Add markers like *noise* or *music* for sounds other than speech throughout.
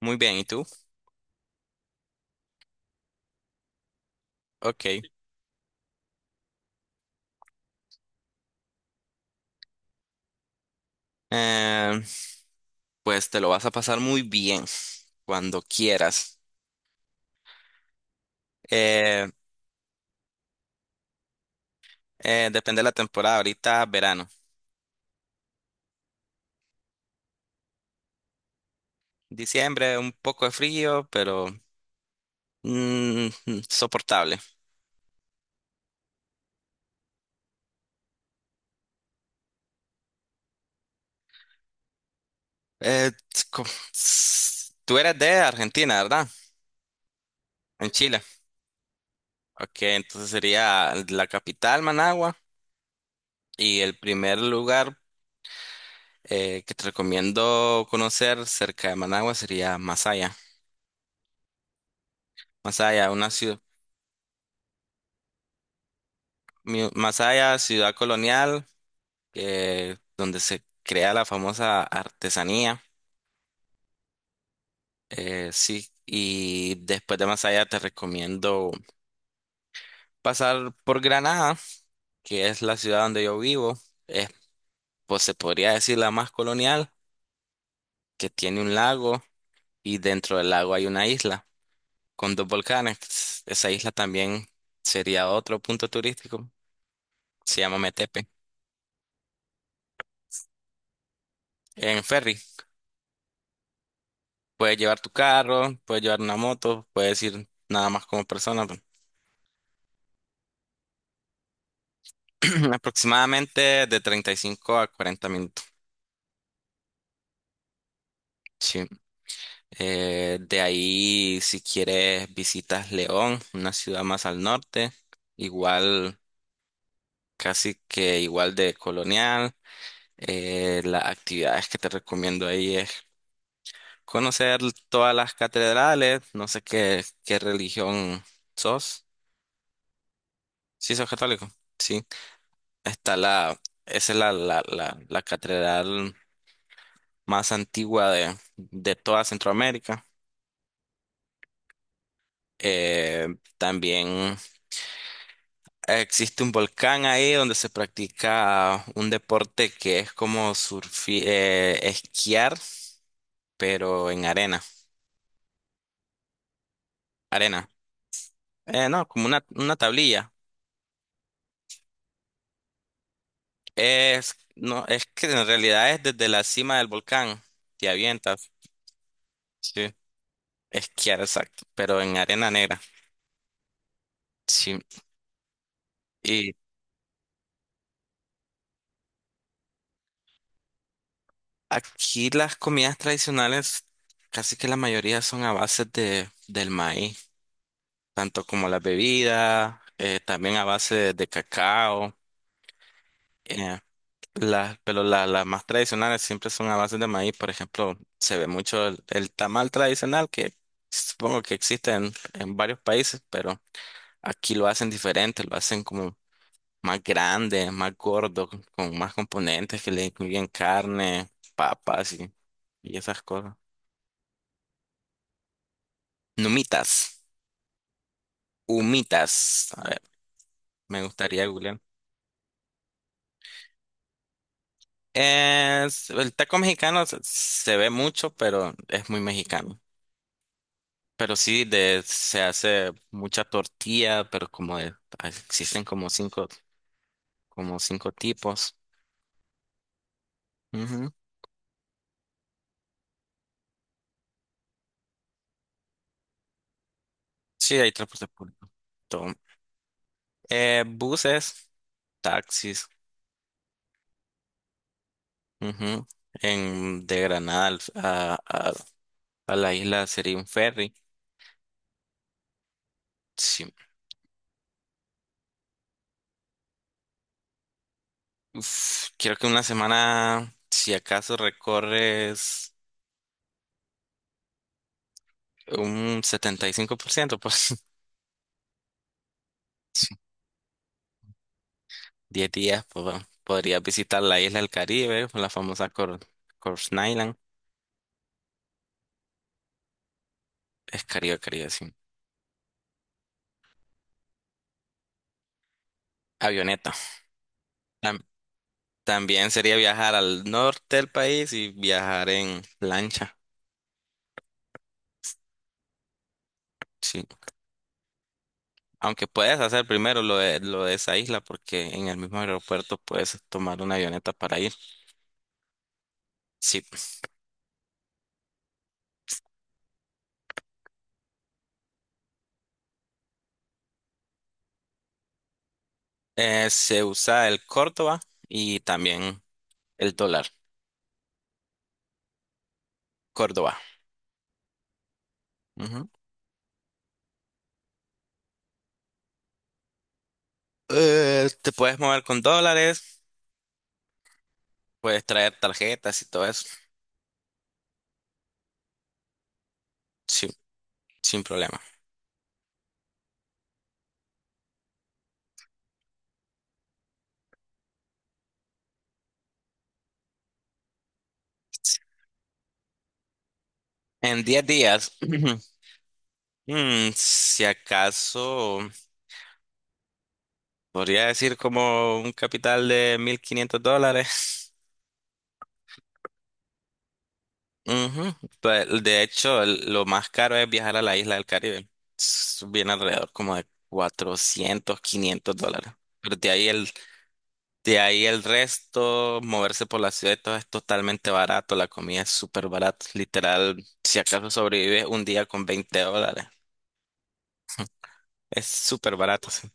Muy bien, ¿y tú? Ok. Eh, pues te lo vas a pasar muy bien cuando quieras. Eh, Depende de la temporada, ahorita verano. Diciembre, un poco de frío, pero mm, soportable. Eh, co- Tú eres de Argentina, ¿verdad? En Chile. Ok, entonces sería la capital, Managua, y el primer lugar que te recomiendo conocer cerca de Managua sería Masaya. Masaya, una ciudad. Masaya, ciudad colonial, donde se crea la famosa artesanía. Sí, y después de Masaya te recomiendo pasar por Granada, que es la ciudad donde yo vivo. Es, pues se podría decir la más colonial, que tiene un lago y dentro del lago hay una isla con dos volcanes. Esa isla también sería otro punto turístico. Se llama Metepe, en ferry. Puedes llevar tu carro, puedes llevar una moto, puedes ir nada más como persona. *clears throat* Aproximadamente de 35 a 40 minutos. Sí. De ahí, si quieres, visitas León, una ciudad más al norte, igual, casi que igual de colonial. Las actividades que te recomiendo ahí es conocer todas las catedrales, no sé qué, qué religión sos. Sí, sos católico. Sí. Está la, Esa es la catedral más antigua de toda Centroamérica. Eh, También existe un volcán ahí donde se practica un deporte que es como esquiar, pero en arena. Arena. No, como una tablilla. No, es que en realidad es desde la cima del volcán. Te avientas. Sí. Esquiar, exacto. Pero en arena negra. Sí. Aquí las comidas tradicionales, casi que la mayoría son a base del maíz, tanto como las bebidas, también a base de cacao. eh, las más tradicionales siempre son a base de maíz. Por ejemplo, se ve mucho el tamal tradicional, que supongo que existe en varios países, pero aquí lo hacen diferente, lo hacen como más grande, más gordo, con más componentes que le incluyen carne, papas y esas cosas. Numitas. Humitas. A ver, me gustaría googlear. El taco mexicano se ve mucho, pero es muy mexicano. Pero sí, se hace mucha tortilla, pero existen como cinco tipos. Ujú. Sí, hay transporte público. Todo. Buses, taxis. Ujú. De Granada a la isla sería un ferry. Sí. Uf, creo que una semana, si acaso recorres un 75%, pues *laughs* 10 días, pues bueno, podrías visitar la isla del Caribe, la famosa Corse Island, es Caribe, Caribe, sí. Avioneta. Tam- También sería viajar al norte del país y viajar en lancha, sí. Aunque puedes hacer primero lo de esa isla, porque en el mismo aeropuerto puedes tomar una avioneta para ir. Sí. Se usa el Córdoba y también. El dólar, Córdoba. Ujú. Te puedes mover con dólares, puedes traer tarjetas y todo eso, sin, sin problema. En 10 días, *clears throat* si acaso, podría decir como un capital de $1,500. Ujú. Pues, de hecho, lo más caro es viajar a la isla del Caribe. Viene alrededor como de $400, $500. Pero de ahí el, De ahí el resto, moverse por la ciudad y todo es totalmente barato, la comida es súper barata, literal, si acaso sobrevives un día con $20, es súper barato, sí.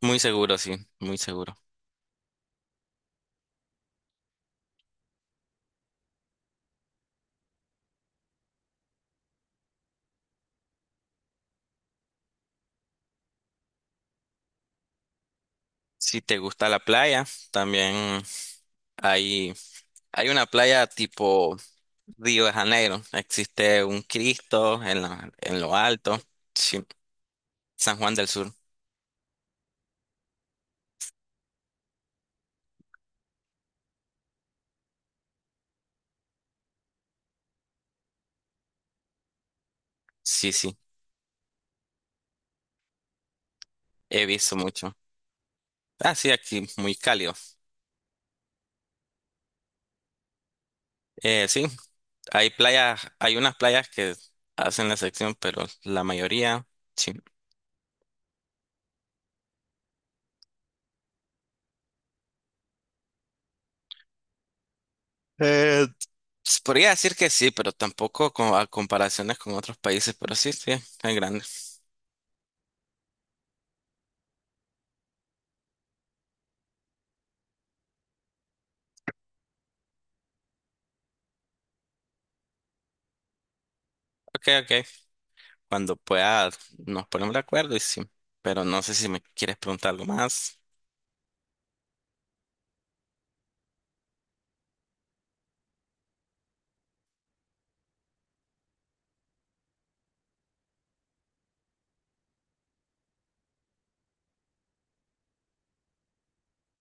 Muy seguro, sí, muy seguro. Si te gusta la playa, también hay, hay una playa tipo Río de Janeiro, existe un Cristo en lo alto, sí, San Juan del Sur, sí, sí, he visto mucho. Ah, sí, aquí muy cálido. Sí, hay playas, hay unas playas que hacen la sección, pero la mayoría, sí. Eh, Se podría decir que sí, pero tampoco a comparaciones con otros países, pero sí, sí, es grande. Ok, ok. Cuando pueda, nos ponemos de acuerdo y sí. Pero no sé si me quieres preguntar algo más.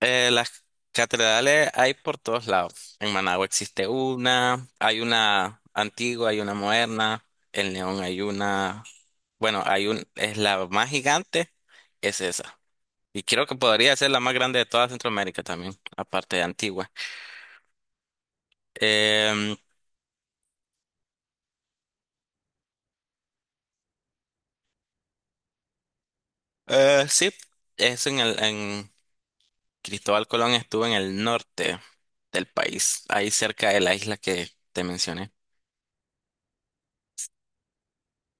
Las catedrales hay por todos lados. En Managua existe una, hay una antigua, hay una moderna. En León hay una, bueno, hay un, es la más gigante, es esa. Y creo que podría ser la más grande de toda Centroamérica también, aparte de Antigua. Em, sí, es en el, en Cristóbal Colón estuvo en el norte del país, ahí cerca de la isla que te mencioné.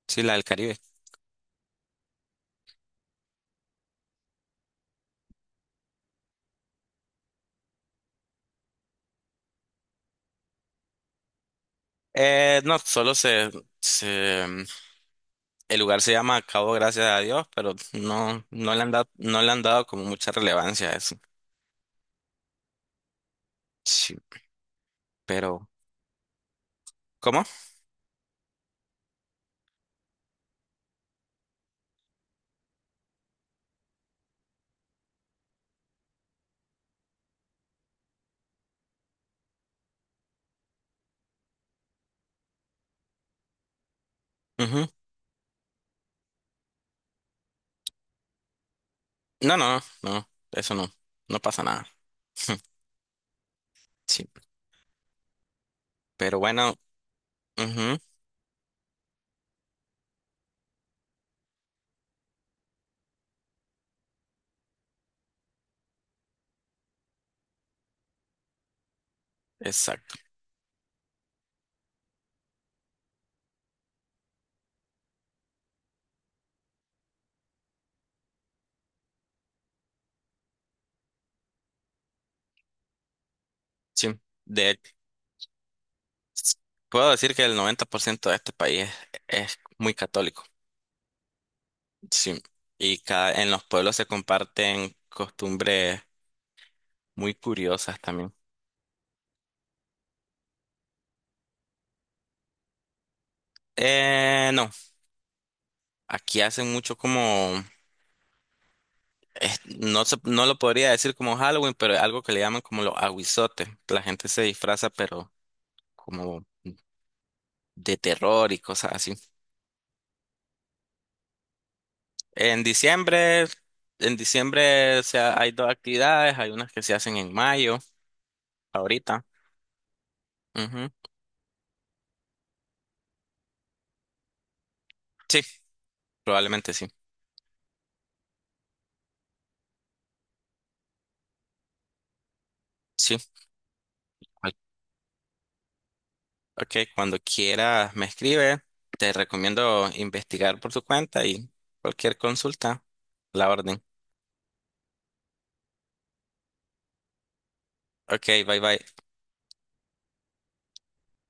Sí, la del Caribe. No, se, el lugar se llama Cabo Gracias a Dios, pero no, no le han dado como mucha relevancia a eso. Sí, pero, ¿cómo? Ujú. No, no, no, eso no pasa nada. *laughs* Sí, pero bueno, ujú, exacto. Sí. De, Puedo decir que el 90% de este país es muy católico. Sí. Y en los pueblos se comparten costumbres muy curiosas también. No, aquí hacen mucho como, no lo podría decir como Halloween, pero es algo que le llaman como los aguizotes. La gente se disfraza, pero como de terror y cosas así. En diciembre, en diciembre, o sea, hay dos actividades, hay unas que se hacen en mayo. Ahorita. Ujú. Sí, probablemente sí. Sí. Al- Ok, cuando quiera me escribe. Te recomiendo investigar por tu cuenta y cualquier consulta, la orden. Ok, bye bye.